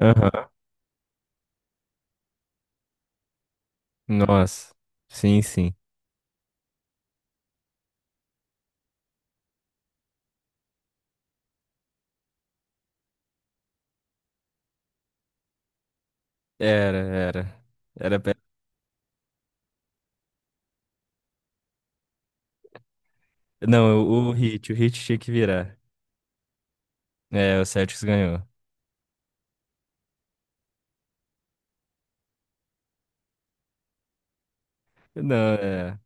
Aham. Nossa. Sim, sim. Era, era. Era. pe- Não, o Hit tinha que virar. É, o Celtics ganhou. Não, é.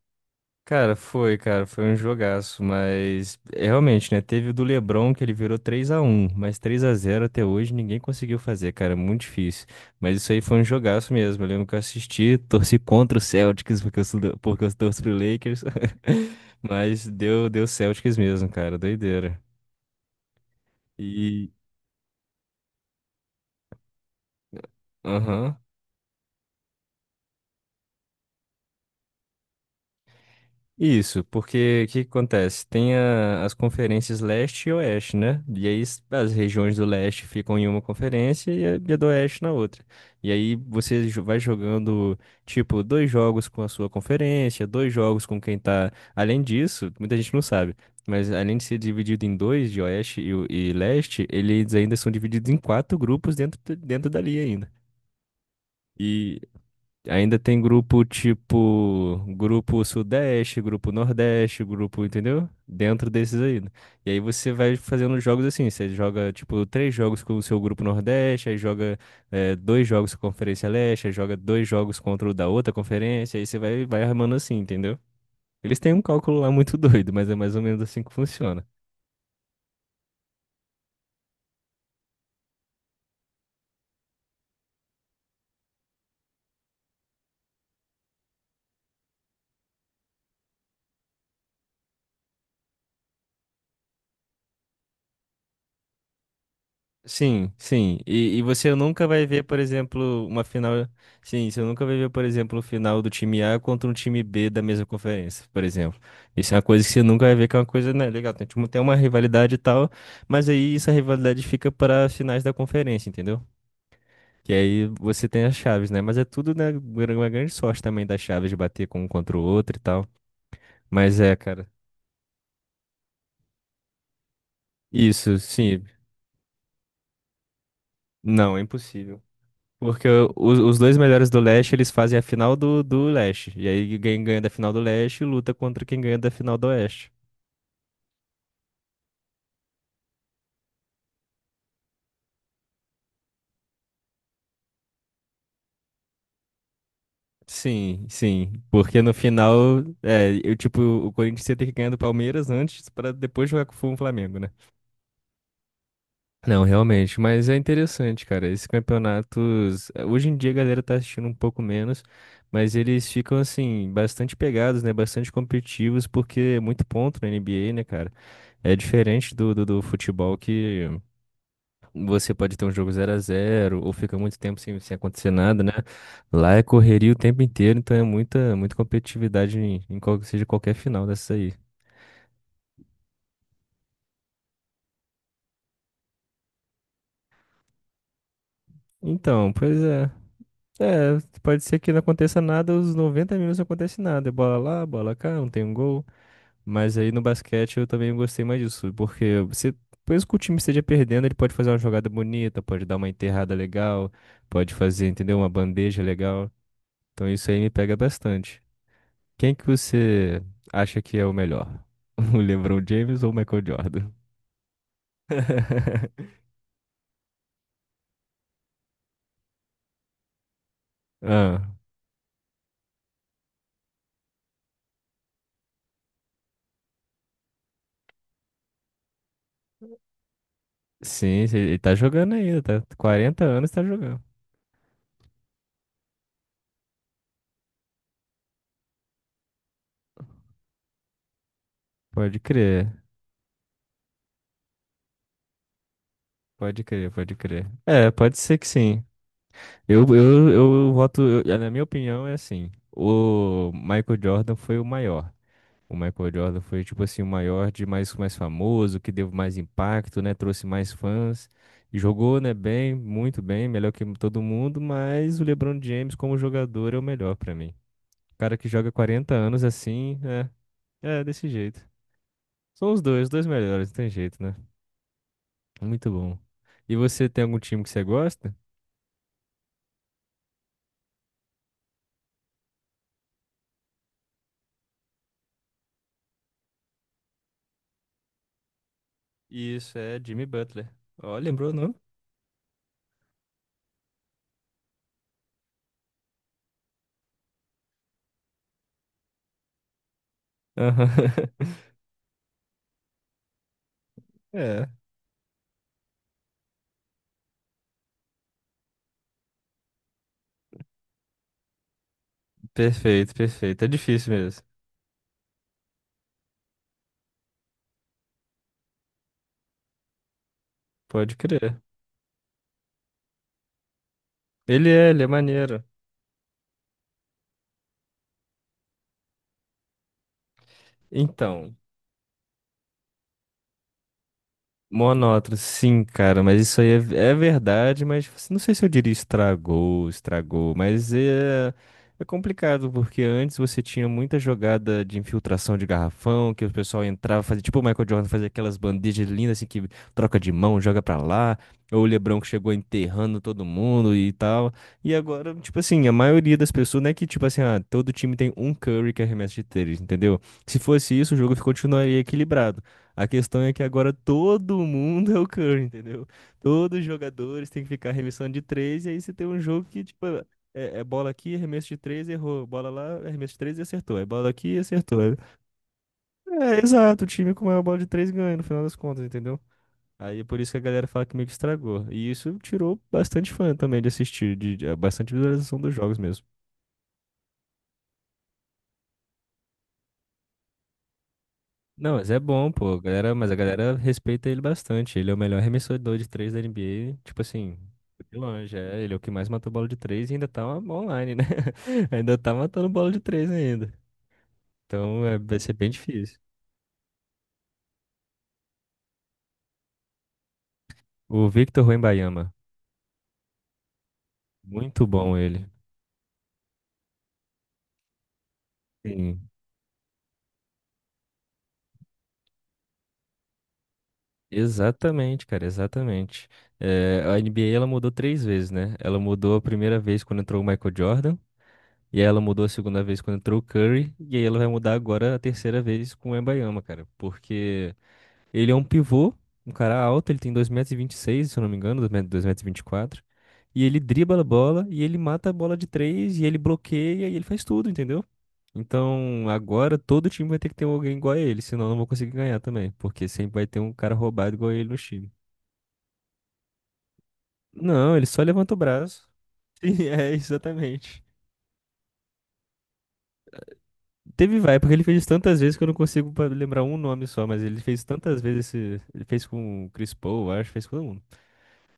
Cara, foi um jogaço, mas é, realmente, né? Teve o do LeBron que ele virou 3-1, mas 3-0 até hoje ninguém conseguiu fazer, cara, é muito difícil. Mas isso aí foi um jogaço mesmo. Eu lembro que eu assisti, torci contra o Celtics porque eu torço pro Lakers, mas deu Celtics mesmo, cara, doideira. Aham. Isso, porque o que que acontece? Tem as conferências leste e oeste, né? E aí as regiões do leste ficam em uma conferência e a do oeste na outra. E aí você vai jogando, tipo, dois jogos com a sua conferência, dois jogos com quem tá. Além disso, muita gente não sabe, mas além de ser dividido em dois, de oeste e leste, eles ainda são divididos em quatro grupos dentro dali ainda. Ainda tem grupo, tipo, grupo Sudeste, grupo Nordeste, grupo, entendeu? Dentro desses aí, né? E aí você vai fazendo jogos assim, você joga tipo três jogos com o seu grupo Nordeste, aí joga dois jogos com a Conferência Leste, aí joga dois jogos contra o da outra conferência, aí você vai armando assim, entendeu? Eles têm um cálculo lá muito doido, mas é mais ou menos assim que funciona. Sim, sim. E você nunca vai ver, por exemplo, uma final. Sim, você nunca vai ver, por exemplo, o final do time A contra um time B da mesma conferência, por exemplo. Isso é uma coisa que você nunca vai ver, que é uma coisa, né, legal. Tem tipo, tem uma rivalidade e tal, mas aí essa rivalidade fica para as finais da conferência, entendeu? Que aí você tem as chaves, né? Mas é tudo, né, uma grande sorte também das chaves de bater com um contra o outro e tal. Mas é, cara. Isso, sim. Não, é impossível. Porque os dois melhores do leste, eles fazem a final do leste. E aí quem ganha da final do leste luta contra quem ganha da final do oeste. Sim, sim. Porque no final, é, eu, tipo, o Corinthians ia ter que ganhar do Palmeiras antes pra depois jogar com o Flamengo, né? Não, realmente. Mas é interessante, cara. Esses campeonatos. Hoje em dia a galera tá assistindo um pouco menos, mas eles ficam, assim, bastante pegados, né? Bastante competitivos, porque é muito ponto na NBA, né, cara? É diferente do futebol que Você pode ter um jogo zero a zero ou fica muito tempo sem acontecer nada, né? Lá é correria o tempo inteiro, então é muita, muita competitividade em qual que seja qualquer final dessa aí. Então, pois é. É, pode ser que não aconteça nada, os 90 minutos não acontece nada. É bola lá, bola cá, não tem um gol. Mas aí no basquete eu também gostei mais disso, porque você, mesmo que o time esteja perdendo, ele pode fazer uma jogada bonita, pode dar uma enterrada legal, pode fazer, entendeu? Uma bandeja legal. Então isso aí me pega bastante. Quem que você acha que é o melhor? O LeBron James ou o Michael Jordan? Ah, sim, sim, ele tá jogando ainda, tá? 40 anos tá jogando. Pode crer, pode crer, pode crer. É, pode ser que sim. Eu voto, na minha opinião, é assim. O Michael Jordan foi o maior. O Michael Jordan foi, tipo assim, o maior de mais famoso, que deu mais impacto, né? Trouxe mais fãs. E jogou, né, bem, muito bem, melhor que todo mundo, mas o LeBron James como jogador é o melhor pra mim. O cara que joga 40 anos assim, é desse jeito. São os dois melhores, não tem jeito, né? Muito bom. E você tem algum time que você gosta? Isso, é Jimmy Butler. Ó, lembrou o nome? Aham. É, perfeito, perfeito. É difícil mesmo. Pode crer. Ele é maneiro. Então, monótono, sim, cara, mas isso aí é verdade, mas tipo assim, não sei se eu diria estragou, estragou, mas é complicado, porque antes você tinha muita jogada de infiltração de garrafão, que o pessoal entrava, fazia tipo o Michael Jordan, fazia aquelas bandejas lindas assim, que troca de mão, joga pra lá, ou o LeBron que chegou enterrando todo mundo e tal, e agora, tipo assim, a maioria das pessoas, não é que tipo assim, ah, todo time tem um Curry que arremessa de três, entendeu? Se fosse isso, o jogo continuaria equilibrado. A questão é que agora todo mundo é o Curry, entendeu? Todos os jogadores têm que ficar arremessando de três, e aí você tem um jogo que, tipo, é bola aqui, arremesso de três, errou. Bola lá, arremesso de três e acertou. É bola aqui e acertou. Exato, o time com maior bola de três ganha, no final das contas, entendeu? Aí é por isso que a galera fala que meio que estragou. E isso tirou bastante fã também de assistir, bastante visualização dos jogos mesmo. Não, mas é bom, pô. A galera respeita ele bastante. Ele é o melhor arremessador de três da NBA. Tipo assim, de longe. É, ele é o que mais matou bola de três e ainda tá online, né? Ainda tá matando bola de três ainda. Então é, vai ser bem difícil. O Victor Wembanyama, muito bom ele. Sim. Exatamente, cara, exatamente. É, a NBA ela mudou três vezes, né? Ela mudou a primeira vez quando entrou o Michael Jordan. E aí ela mudou a segunda vez quando entrou o Curry, e aí ela vai mudar agora a terceira vez com o Wembanyama, cara. Porque ele é um pivô, um cara alto, ele tem 2,26 m, se eu não me engano. 2,24 m. E vinte e quatro. E ele dribla a bola, e ele mata a bola de três, e ele bloqueia, e ele faz tudo, entendeu? Então agora todo time vai ter que ter alguém igual a ele, senão eu não vou conseguir ganhar também. Porque sempre vai ter um cara roubado igual a ele no time. Não, ele só levanta o braço. Sim, é, exatamente. Teve vai, porque ele fez tantas vezes que eu não consigo lembrar um nome só, mas ele fez tantas vezes esse. Ele fez com o Chris Paul, eu acho, fez com todo mundo.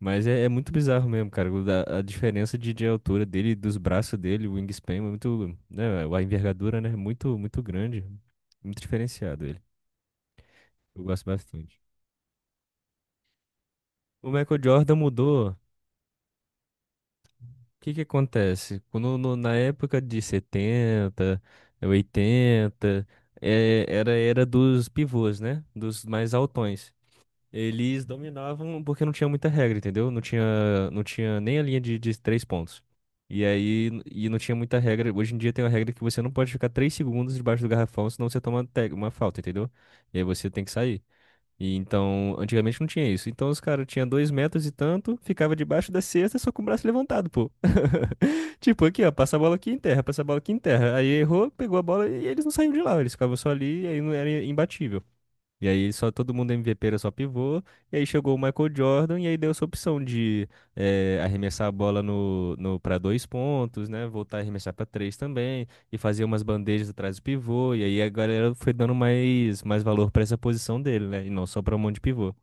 Mas é muito bizarro mesmo, cara. A diferença de altura dele, dos braços dele, o wingspan, é muito, né, a envergadura, né? É muito, grande. Muito diferenciado ele. Eu gosto bastante. O Michael Jordan mudou. O que que acontece? Quando, no- Na época de setenta, oitenta, é, era a era dos pivôs, né? Dos mais altões. Eles dominavam porque não tinha muita regra, entendeu? Não tinha nem a linha de três pontos. E aí, e não tinha muita regra. Hoje em dia tem uma regra que você não pode ficar 3 segundos debaixo do garrafão, senão você toma uma falta, entendeu? E aí você tem que sair. E então, antigamente não tinha isso. Então os caras tinham 2 metros e tanto, ficava debaixo da cesta só com o braço levantado, pô. Tipo, aqui, ó, passa a bola aqui em terra, passa a bola aqui em terra. Aí errou, pegou a bola e eles não saíam de lá, eles ficavam só ali e aí não era imbatível. E aí só todo mundo MVP era só pivô. E aí chegou o Michael Jordan e aí deu essa opção de arremessar a bola no para dois pontos, né? Voltar a arremessar para três também e fazer umas bandejas atrás do pivô. E aí a galera foi dando mais valor para essa posição dele, né? E não só para um monte de pivô.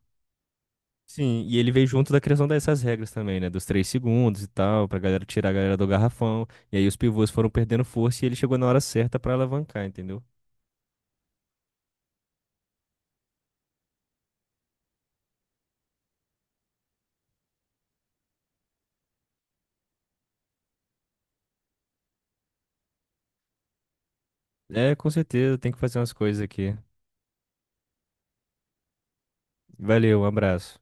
Sim, e ele veio junto da criação dessas regras também, né? Dos 3 segundos e tal, pra galera tirar a galera do garrafão. E aí os pivôs foram perdendo força e ele chegou na hora certa pra alavancar, entendeu? É, com certeza, tem que fazer umas coisas aqui. Valeu, um abraço.